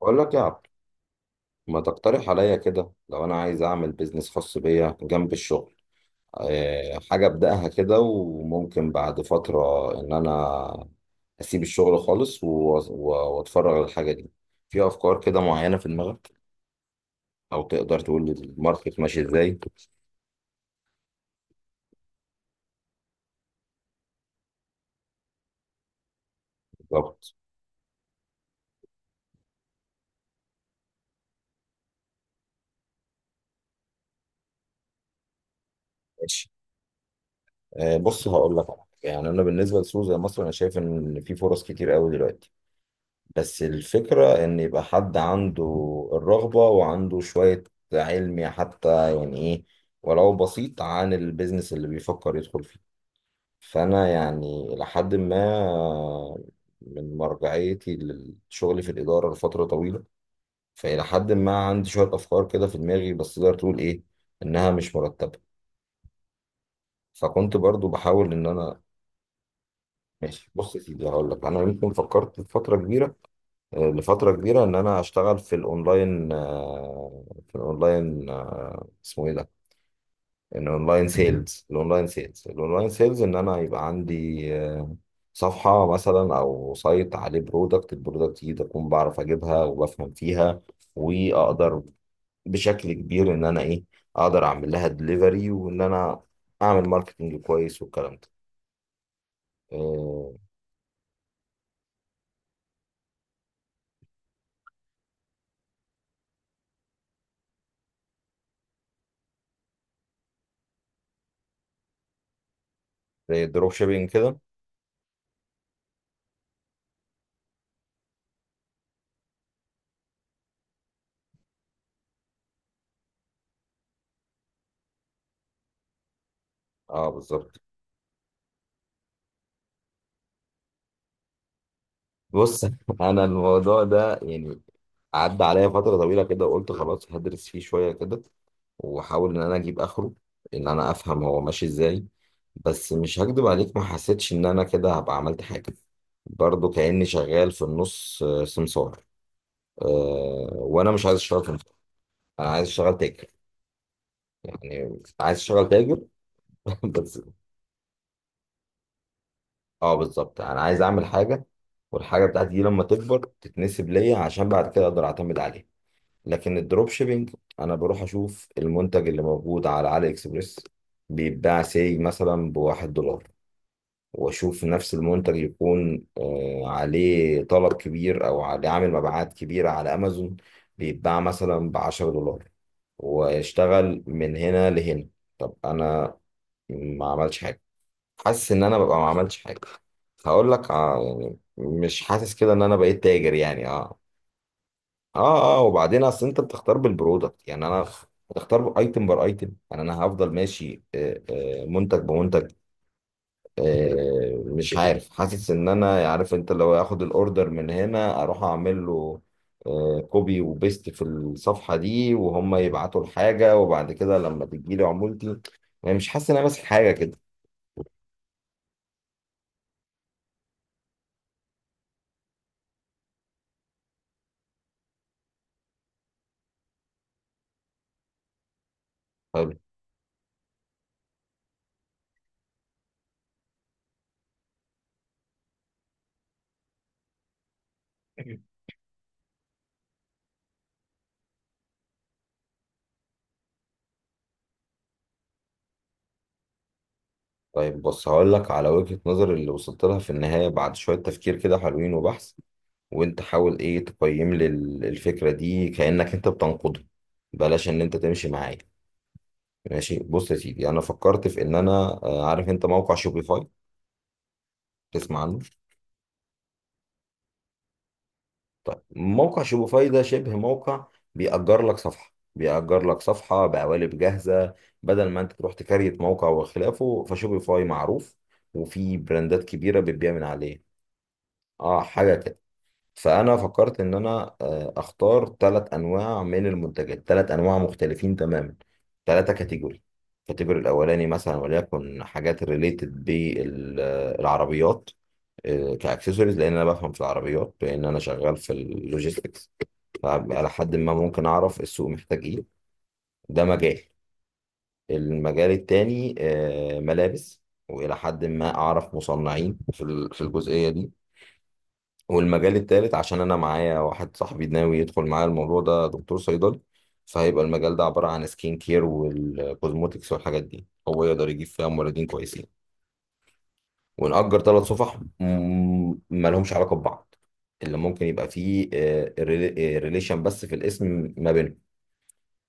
بقول لك يا عبد، ما تقترح عليا كده لو انا عايز اعمل بيزنس خاص بيا جنب الشغل؟ حاجة ابدأها كده وممكن بعد فترة ان انا اسيب الشغل خالص واتفرغ للحاجة دي. في افكار كده معينة في دماغك؟ او تقدر تقول لي الماركت ماشي ازاي؟ بالظبط. ماشي. بص، هقول لك على حاجة. يعني انا بالنسبة لسوق زي مصر، انا شايف ان في فرص كتير قوي دلوقتي، بس الفكرة إن يبقى حد عنده الرغبة وعنده شوية علم، حتى يعني إيه، ولو بسيط عن البيزنس اللي بيفكر يدخل فيه. فأنا يعني إلى حد ما، من مرجعيتي للشغل في الإدارة لفترة طويلة، فإلى حد ما عندي شوية أفكار كده في دماغي، بس تقدر تقول إيه، إنها مش مرتبة. فكنت برضو بحاول إن أنا. ماشي، بص يا سيدي، هقول لك. أنا يمكن فكرت في فترة كبيرة، لفترة كبيرة، إن أنا أشتغل في الأونلاين، في الأونلاين، اسمه إيه ده؟ الأونلاين سيلز إن أنا يبقى عندي صفحة مثلا أو سايت عليه برودكت، البرودكت دي أكون بعرف أجيبها وبفهم فيها، وأقدر بشكل كبير إن أنا إيه، أقدر أعمل لها دليفري، وإن أنا أعمل ماركتنج كويس والكلام ده. آه، زي الدروب شيبينج كده. أه، بالظبط. بص، انا الموضوع ده يعني، عدى عليا فتره طويله كده، وقلت خلاص هدرس فيه شويه كده، واحاول ان انا اجيب اخره، ان انا افهم هو ماشي ازاي. بس مش هكدب عليك، ما حسيتش ان انا كده هبقى عملت حاجه. برضه كاني شغال في النص، سمسار. أه، وانا مش عايز اشتغل سمسار، انا عايز اشتغل تاجر. يعني عايز اشتغل تاجر. بس. اه، بالظبط، انا عايز اعمل حاجه، والحاجه بتاعتي دي لما تكبر تتنسب ليا، عشان بعد كده اقدر اعتمد عليها. لكن الدروب شيبينج، انا بروح اشوف المنتج اللي موجود على علي اكسبريس، بيتباع سي مثلا ب1 دولار، واشوف نفس المنتج يكون عليه طلب كبير او عليه عامل مبيعات كبيرة على امازون، بيتباع مثلا ب10 دولار، واشتغل من هنا لهنا. طب انا ما عملش حاجة، حاسس ان انا ببقى ما عملتش حاجة. هقول لك يعني، مش حاسس كده ان انا بقيت تاجر، يعني اه. اه، اه، وبعدين اصل انت بتختار بالبرودكت، يعني انا بتختار ايتم بار ايتم. يعني انا هفضل ماشي، منتج بمنتج. مش عارف، حاسس ان انا عارف انت لو اخد الاوردر من هنا اروح اعمل له كوبي وبيست في الصفحه دي، وهم يبعتوا الحاجه، وبعد كده لما تجي لي عمولتي، يعني مش حاسس ان انا ماسك حاجه كده. حلو. طيب، بص، هقول لك على وجهه نظر اللي وصلت لها في النهايه بعد شويه تفكير كده حلوين وبحث. وانت حاول ايه، تقيم لي الفكرة دي كأنك انت بتنقده، بلاش ان انت تمشي معايا. ماشي، بص يا سيدي، انا فكرت في ان انا. عارف انت موقع شوبيفاي؟ تسمع عنه؟ موقع شوبيفاي ده شبه موقع، بيأجر لك صفحة بقوالب جاهزة، بدل ما انت تروح تكريت موقع وخلافه. فشوبيفاي معروف، وفي براندات كبيرة بتبيع من عليه. اه، حاجة. فانا فكرت ان انا اختار ثلاث انواع من المنتجات، ثلاث انواع مختلفين تماما، ثلاثه كاتيجوري. الكاتيجوري الاولاني مثلا، وليكن حاجات ريليتد بالعربيات، كاكسسوارز، لان انا بفهم في العربيات، لان انا شغال في اللوجيستكس. فعلى حد ما ممكن اعرف السوق محتاج ايه. ده مجال. المجال التاني ملابس، والى حد ما اعرف مصنعين في الجزئيه دي. والمجال التالت، عشان انا معايا واحد صاحبي ناوي يدخل معايا الموضوع ده، دكتور صيدلي. فهيبقى المجال ده عبارة عن سكين كير والكوزموتكس والحاجات دي، هو يقدر يجيب فيها موردين كويسين. ونأجر ثلاث صفح مالهمش علاقة ببعض، اللي ممكن يبقى فيه ريليشن بس في الاسم ما بينهم.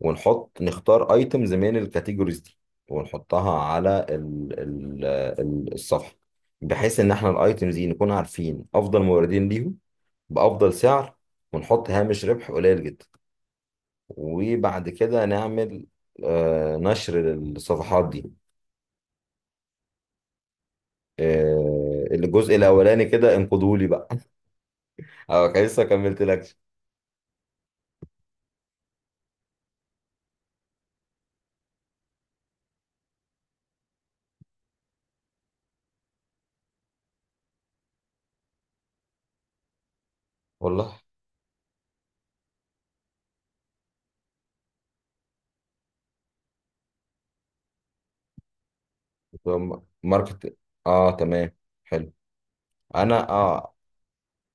ونحط نختار ايتمز من الكاتيجوريز دي، ونحطها على الصفحة، بحيث ان احنا الايتمز دي نكون عارفين افضل موردين ليهم، بأفضل سعر، ونحط هامش ربح قليل جدا. وبعد كده نعمل نشر للصفحات دي. الجزء الأولاني كده، انقدوا لي بقى. أه، كان لسه كملت لك. والله. طب ماركت. اه، تمام. حلو. انا اه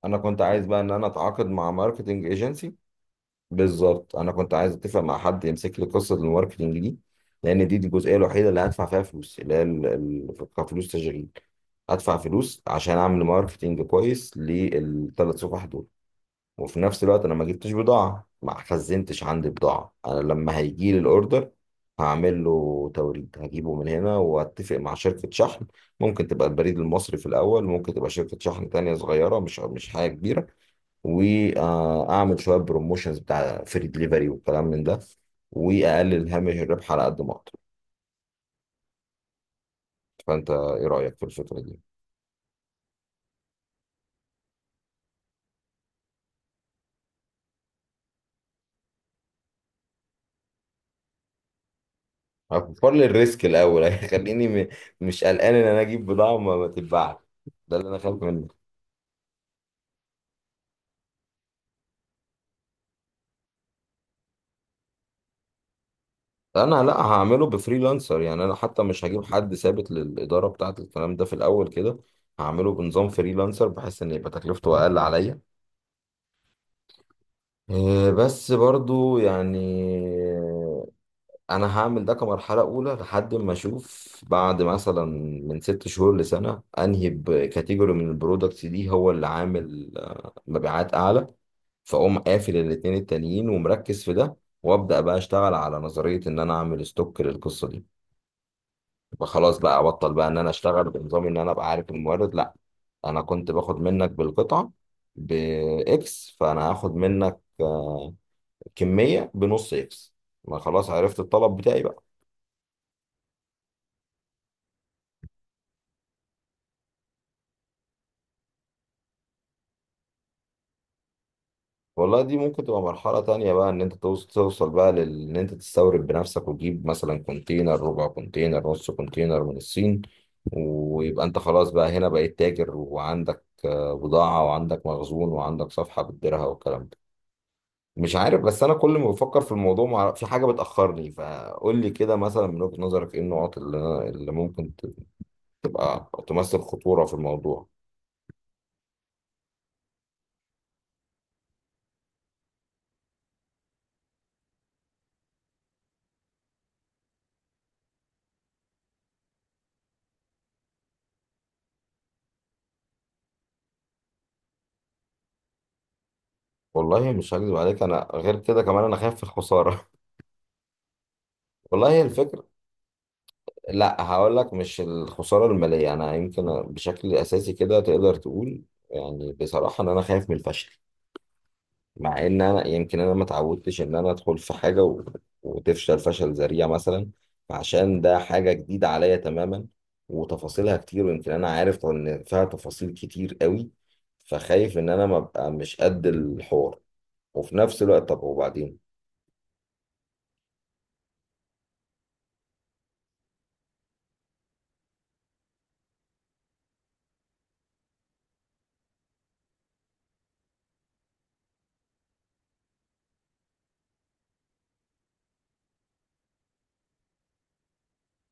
انا كنت عايز بقى ان انا اتعاقد مع ماركتنج ايجنسي. بالظبط، انا كنت عايز اتفق مع حد يمسك لي قصة الماركتنج دي. لان دي الجزئية الوحيدة اللي هدفع فيها فلوس، اللي هي كفلوس تشغيل، ادفع فلوس عشان اعمل ماركتينج كويس للثلاث صفح دول. وفي نفس الوقت انا ما جبتش بضاعه، ما خزنتش عندي بضاعه. انا لما هيجي لي الاوردر هعمل له توريد، هجيبه من هنا واتفق مع شركه شحن. ممكن تبقى البريد المصري في الاول، ممكن تبقى شركه شحن تانية صغيره، مش حاجه كبيره. واعمل شويه بروموشنز بتاع فري دليفري والكلام من ده، واقلل هامش الربح على قد ما اقدر. فانت ايه رايك في الفكره دي؟ هكبر لي الريسك الاول. مش قلقان ان انا اجيب بضاعه وما ما تتباعش، ده اللي انا خايف منه. انا لا، هعمله بفريلانسر، يعني انا حتى مش هجيب حد ثابت للاداره بتاعه الكلام ده في الاول كده. هعمله بنظام فريلانسر بحيث ان يبقى تكلفته اقل عليا. إيه، بس برضو يعني، انا هعمل ده كمرحله اولى لحد ما اشوف بعد مثلا من 6 شهور لسنه انهي بكاتيجوري من البرودكتس دي هو اللي عامل مبيعات اعلى. فاقوم قافل الاتنين التانيين ومركز في ده. وابدا بقى اشتغل على نظريه ان انا اعمل ستوك للقصه دي. يبقى خلاص بقى ابطل بقى ان انا اشتغل بنظام ان انا ابقى عارف المورد. لا، انا كنت باخد منك بالقطعه، باكس. فانا هاخد منك كميه بنص اكس. ما خلاص عرفت الطلب بتاعي بقى. والله دي ممكن تبقى مرحلة تانية بقى، إن أنت توصل بقى إن أنت تستورد بنفسك، وتجيب مثلا كونتينر، ربع كونتينر، نص كونتينر من الصين. ويبقى أنت خلاص بقى هنا بقيت تاجر، وعندك بضاعة، وعندك مخزون، وعندك صفحة بتديرها والكلام ده. مش عارف، بس أنا كل ما بفكر في الموضوع في حاجة بتأخرني. فقول لي كده مثلا، من وجهة نظرك، إيه النقط اللي أنا، اللي ممكن تبقى تمثل خطورة في الموضوع؟ والله مش هكذب عليك، انا غير كده كمان انا خايف في الخساره. والله، الفكره، لا هقول لك، مش الخسارة المالية، أنا يمكن بشكل أساسي كده تقدر تقول، يعني بصراحة، إن أنا خايف من الفشل. مع إن أنا يمكن أنا ما اتعودتش إن أنا أدخل في حاجة وتفشل فشل ذريع مثلا. عشان ده حاجة جديدة عليا تماما، وتفاصيلها كتير، ويمكن أنا عارف إن فيها تفاصيل كتير قوي، فخايف إن أنا ما أبقى مش قد الحوار. وفي نفس الوقت طب وبعدين.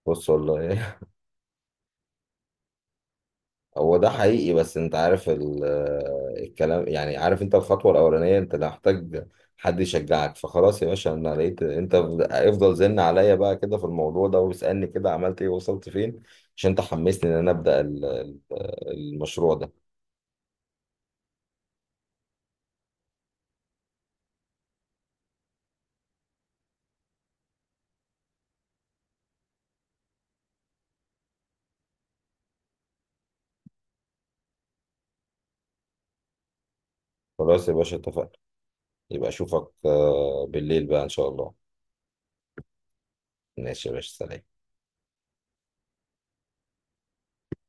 بص، والله. هو ده حقيقي، بس انت عارف الكلام، يعني عارف انت الخطوة الأولانية، انت ده محتاج حد يشجعك، فخلاص يا باشا انا لقيت انت افضل زن عليا بقى كده في الموضوع ده، واسألني كده عملت ايه، وصلت فين، عشان انت حمسني ان انا ابدأ المشروع ده. خلاص يا باشا، اتفقنا. يبقى اشوفك بالليل بقى ان شاء الله. ماشي يا باشا، سلام.